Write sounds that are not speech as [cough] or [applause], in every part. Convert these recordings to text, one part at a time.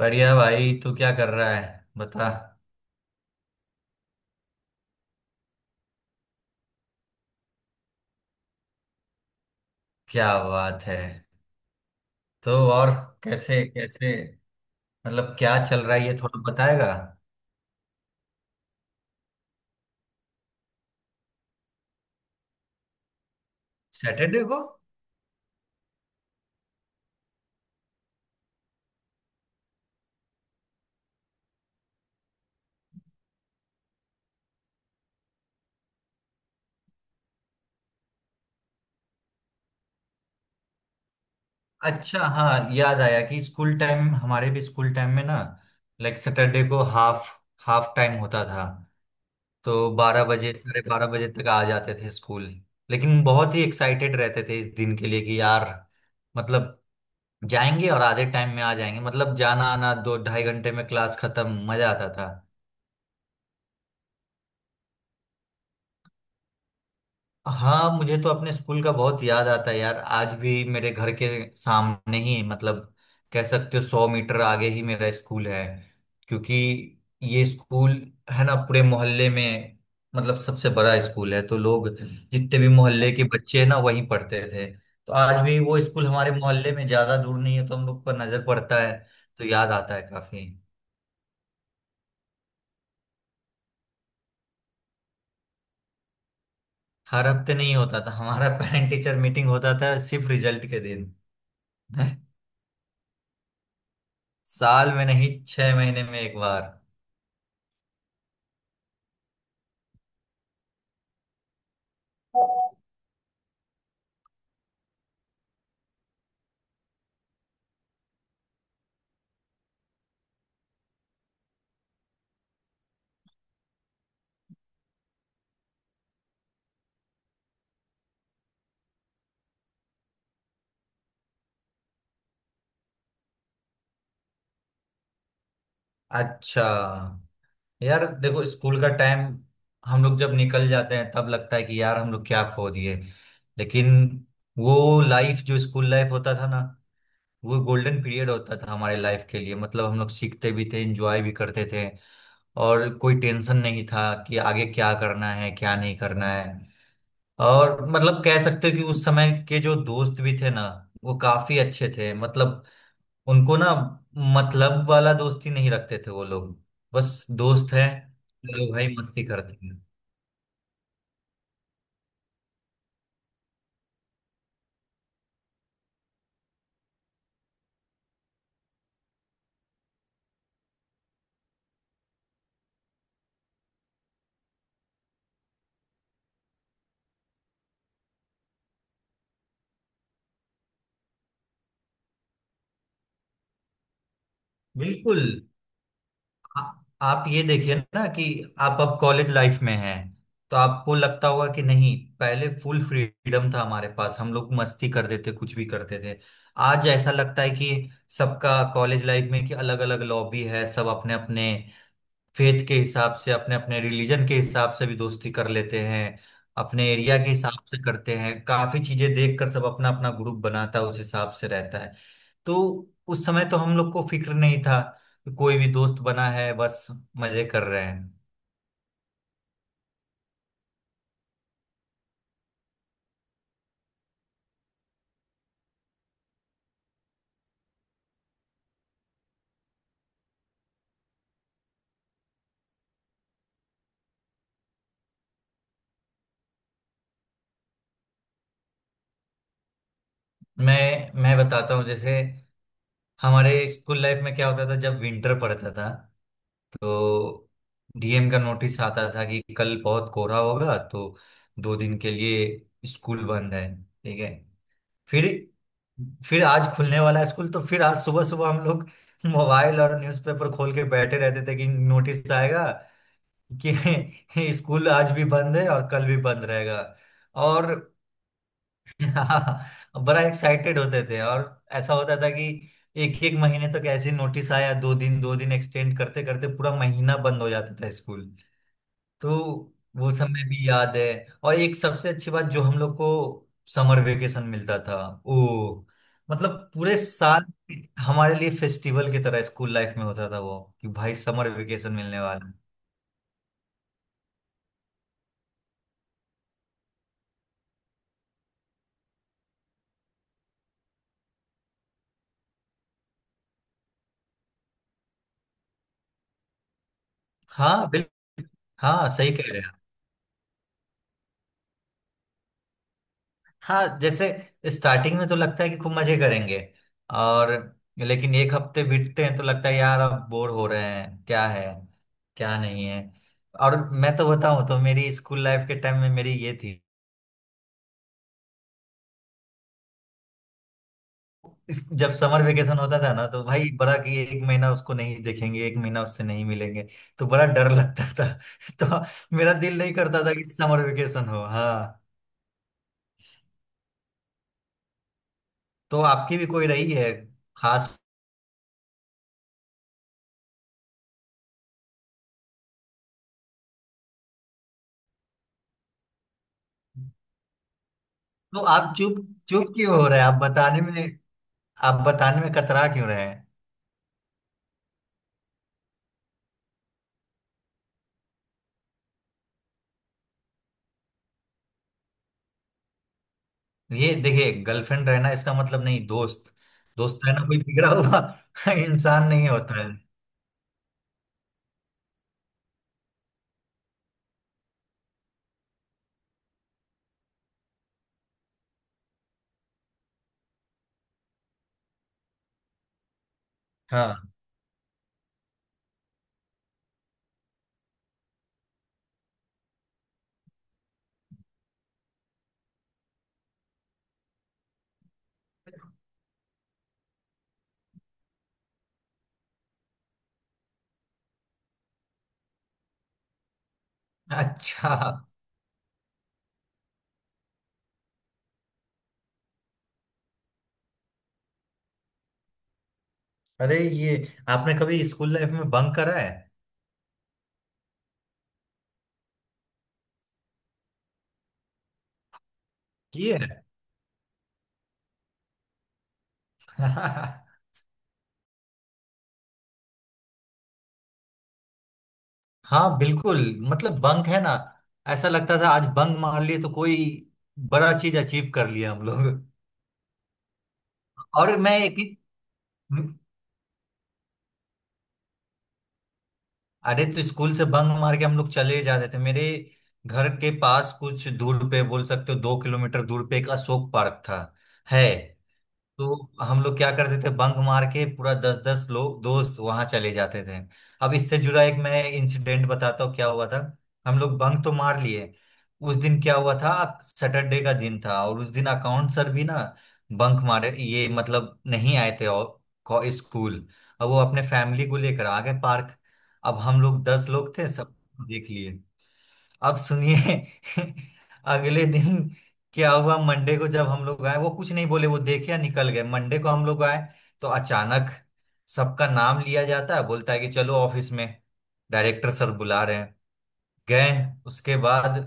बढ़िया भाई, तू क्या कर रहा है? बता। क्या बात है? तो और, कैसे कैसे? मतलब, क्या चल रहा है ये थोड़ा बताएगा? सैटरडे को? अच्छा, हाँ, याद आया कि स्कूल टाइम, हमारे भी स्कूल टाइम में ना, लाइक सैटरडे को हाफ हाफ टाइम होता था। तो 12 बजे, 12:30 बजे तक आ जाते थे स्कूल। लेकिन बहुत ही एक्साइटेड रहते थे इस दिन के लिए कि यार, मतलब, जाएंगे और आधे टाइम में आ जाएंगे, मतलब जाना आना दो ढाई घंटे में क्लास खत्म। मजा आता था। हाँ, मुझे तो अपने स्कूल का बहुत याद आता है यार। आज भी मेरे घर के सामने ही, मतलब कह सकते हो 100 मीटर आगे ही मेरा स्कूल है। क्योंकि ये स्कूल है ना, पूरे मोहल्ले में मतलब सबसे बड़ा स्कूल है, तो लोग जितने भी मोहल्ले के बच्चे हैं ना वहीं पढ़ते थे। तो आज भी वो स्कूल हमारे मोहल्ले में ज्यादा दूर नहीं है, तो हम लोग पर नजर पड़ता है। तो याद आता है काफी। हर हफ्ते नहीं होता था हमारा [laughs] पेरेंट टीचर मीटिंग, होता था सिर्फ रिजल्ट के दिन। [laughs] साल में नहीं, 6 महीने में एक बार। अच्छा। यार देखो, स्कूल का टाइम, हम लोग जब निकल जाते हैं तब लगता है कि यार हम लोग क्या खो दिए। लेकिन वो लाइफ जो स्कूल लाइफ होता था ना, वो गोल्डन पीरियड होता था हमारे लाइफ के लिए। मतलब हम लोग सीखते भी थे, एंजॉय भी करते थे, और कोई टेंशन नहीं था कि आगे क्या करना है क्या नहीं करना है। और मतलब कह सकते हो कि उस समय के जो दोस्त भी थे ना, वो काफी अच्छे थे। मतलब उनको ना, मतलब वाला दोस्ती नहीं रखते थे वो लोग, बस दोस्त हैं, चलो भाई मस्ती करते हैं। बिल्कुल। आ, आप ये देखिए ना कि आप अब कॉलेज लाइफ में हैं, तो आपको लगता होगा कि नहीं, पहले फुल फ्रीडम था हमारे पास, हम लोग मस्ती कर देते, कुछ भी करते थे। आज ऐसा लगता है कि सबका कॉलेज लाइफ में कि अलग अलग लॉबी है, सब अपने अपने फेथ के हिसाब से, अपने अपने रिलीजन के हिसाब से भी दोस्ती कर लेते हैं। अपने एरिया के हिसाब से करते हैं, काफी चीजें देखकर सब अपना अपना ग्रुप बनाता है, उस हिसाब से रहता है। तो उस समय तो हम लोग को फिक्र नहीं था कि कोई भी दोस्त बना है, बस मजे कर रहे हैं। मैं बताता हूँ, जैसे हमारे स्कूल लाइफ में क्या होता था जब विंटर पड़ता था, तो डीएम का नोटिस आता था कि कल बहुत कोहरा होगा तो 2 दिन के लिए स्कूल बंद है, ठीक है। फिर आज खुलने वाला है स्कूल, तो फिर आज सुबह सुबह हम लोग मोबाइल और न्यूज़पेपर खोल के बैठे रहते थे कि नोटिस आएगा कि [laughs] स्कूल आज भी बंद है और कल भी बंद रहेगा। और [laughs] बड़ा एक्साइटेड होते थे। और ऐसा होता था कि एक एक महीने तक ऐसे नोटिस आया, दो दिन एक्सटेंड करते करते पूरा महीना बंद हो जाता था स्कूल। तो वो समय भी याद है। और एक सबसे अच्छी बात जो हम लोग को, समर वेकेशन मिलता था। ओ, मतलब पूरे साल हमारे लिए फेस्टिवल की तरह स्कूल लाइफ में होता था वो, कि भाई समर वेकेशन मिलने वाला है। हाँ बिल्कुल। हाँ सही कह रहे हैं। हाँ, जैसे स्टार्टिंग में तो लगता है कि खूब मजे करेंगे, और लेकिन एक हफ्ते बीतते हैं तो लगता है यार अब बोर हो रहे हैं, क्या है क्या नहीं है। और मैं तो बताऊं, तो मेरी स्कूल लाइफ के टाइम में मेरी ये थी, इस जब समर वेकेशन होता था ना तो भाई बड़ा कि एक महीना उसको नहीं देखेंगे, एक महीना उससे नहीं मिलेंगे, तो बड़ा डर लगता था। [laughs] तो मेरा दिल नहीं करता था कि समर वेकेशन हो। हाँ, तो आपकी भी कोई रही है खास? तो आप चुप, चुप क्यों हो रहे हैं आप बताने में? आप बताने में कतरा क्यों रहे हैं? ये देखिए, गर्लफ्रेंड रहना इसका मतलब नहीं, दोस्त दोस्त रहना कोई बिगड़ा हुआ [laughs] इंसान नहीं होता है। हाँ। अच्छा। अरे ये, आपने कभी स्कूल लाइफ में बंक करा है? किए? हाँ बिल्कुल। मतलब बंक है ना, ऐसा लगता था आज बंक मार लिए तो कोई बड़ा चीज अचीव कर लिया हम लोग। और मैं एक ही- अरे तो स्कूल से बंक मार के हम लोग चले जाते थे मेरे घर के पास, कुछ दूर पे बोल सकते हो 2 किलोमीटर दूर पे एक अशोक पार्क था, है। तो हम लोग क्या करते थे बंक मार के, पूरा दस दस लोग दोस्त वहां चले जाते थे। अब इससे जुड़ा एक मैं इंसिडेंट बताता हूँ क्या हुआ था। हम लोग बंक तो मार लिए, उस दिन क्या हुआ था, सैटरडे का दिन था और उस दिन अकाउंट सर भी ना बंक मारे, ये मतलब नहीं आए थे। और स्कूल, अब वो अपने फैमिली को लेकर आ गए पार्क। अब हम लोग 10 लोग थे, सब देख लिए। अब सुनिए, [laughs] अगले दिन क्या हुआ, मंडे को जब हम लोग आए वो कुछ नहीं बोले, वो देखे या निकल गए, मंडे को हम लोग आए तो अचानक सबका नाम लिया जाता है, बोलता है कि चलो ऑफिस में, डायरेक्टर सर बुला रहे हैं। गए। उसके बाद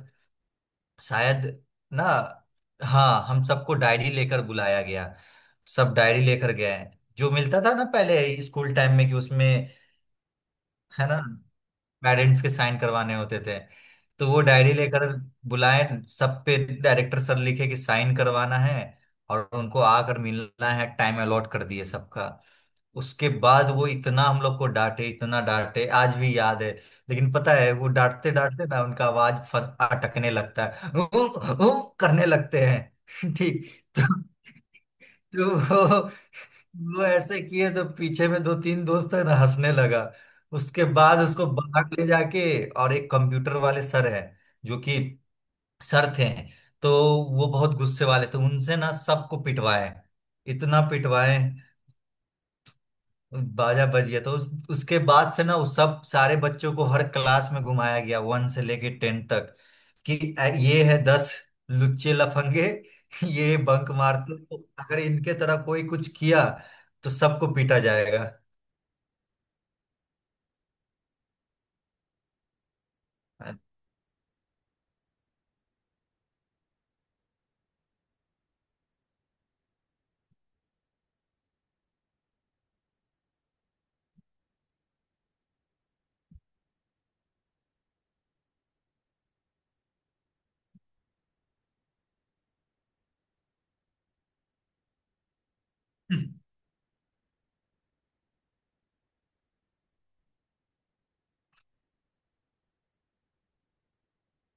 शायद ना, हाँ, हम सबको डायरी लेकर बुलाया गया। सब डायरी लेकर गए, जो मिलता था ना पहले स्कूल टाइम में कि उसमें, है ना, पेरेंट्स के साइन करवाने होते थे। तो वो डायरी लेकर बुलाए सब पे। डायरेक्टर सर लिखे कि साइन करवाना है और उनको आकर मिलना है, टाइम अलॉट कर दिए सबका। उसके बाद वो इतना हम लोग को डांटे, इतना डांटे, आज भी याद है। लेकिन पता है वो डांटते डांटते ना उनका आवाज अटकने लगता है, "ऊ, ऊ" करने लगते हैं। [laughs] ठीक, तो वो ऐसे किए तो पीछे में दो तीन दोस्त है ना हंसने लगा। उसके बाद उसको बाहर ले जाके, और एक कंप्यूटर वाले सर है जो कि सर थे, तो वो बहुत गुस्से वाले थे, उनसे ना सबको पिटवाए, इतना पिटवाए, बाजा बज गया। तो उसके बाद से ना उस सब सारे बच्चों को हर क्लास में घुमाया गया, 1 से लेके 10 तक, कि ये है 10 लुच्चे लफंगे, [laughs] ये बंक मारते, तो अगर इनके तरह कोई कुछ किया तो सबको पीटा जाएगा।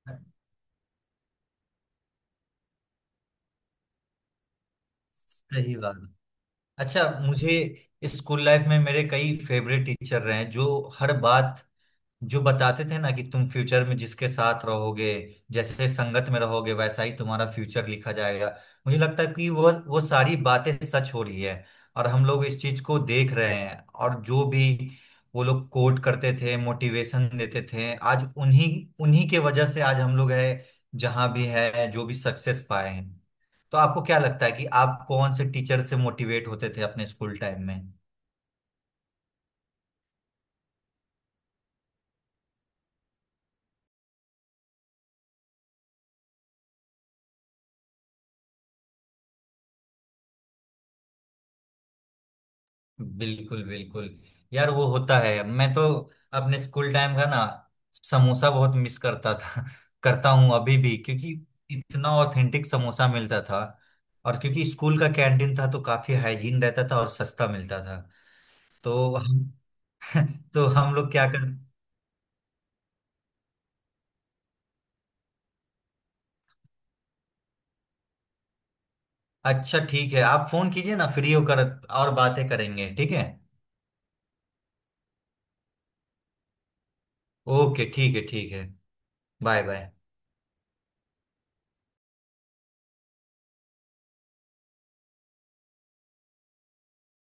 सही बात है। अच्छा, मुझे स्कूल लाइफ में मेरे कई फेवरेट टीचर रहे हैं जो हर बात जो बताते थे ना कि तुम फ्यूचर में जिसके साथ रहोगे, जैसे संगत में रहोगे वैसा ही तुम्हारा फ्यूचर लिखा जाएगा। मुझे लगता है कि वो सारी बातें सच हो रही है और हम लोग इस चीज को देख रहे हैं। और जो भी वो लोग कोट करते थे, मोटिवेशन देते थे, आज उन्हीं उन्हीं के वजह से आज हम लोग है जहां भी है, जो भी सक्सेस पाए हैं। तो आपको क्या लगता है कि आप कौन से टीचर से मोटिवेट होते थे अपने स्कूल टाइम में? बिल्कुल बिल्कुल। यार वो होता है, मैं तो अपने स्कूल टाइम का ना समोसा बहुत मिस करता था [laughs] करता हूँ अभी भी, क्योंकि इतना ऑथेंटिक समोसा मिलता था, और क्योंकि स्कूल का कैंटीन था तो काफी हाइजीन रहता था और सस्ता मिलता था। तो हम [laughs] तो हम लोग क्या कर। अच्छा ठीक है, आप फोन कीजिए ना फ्री होकर, और बातें करेंगे, ठीक है? ओके, ठीक है, ठीक है, बाय बाय।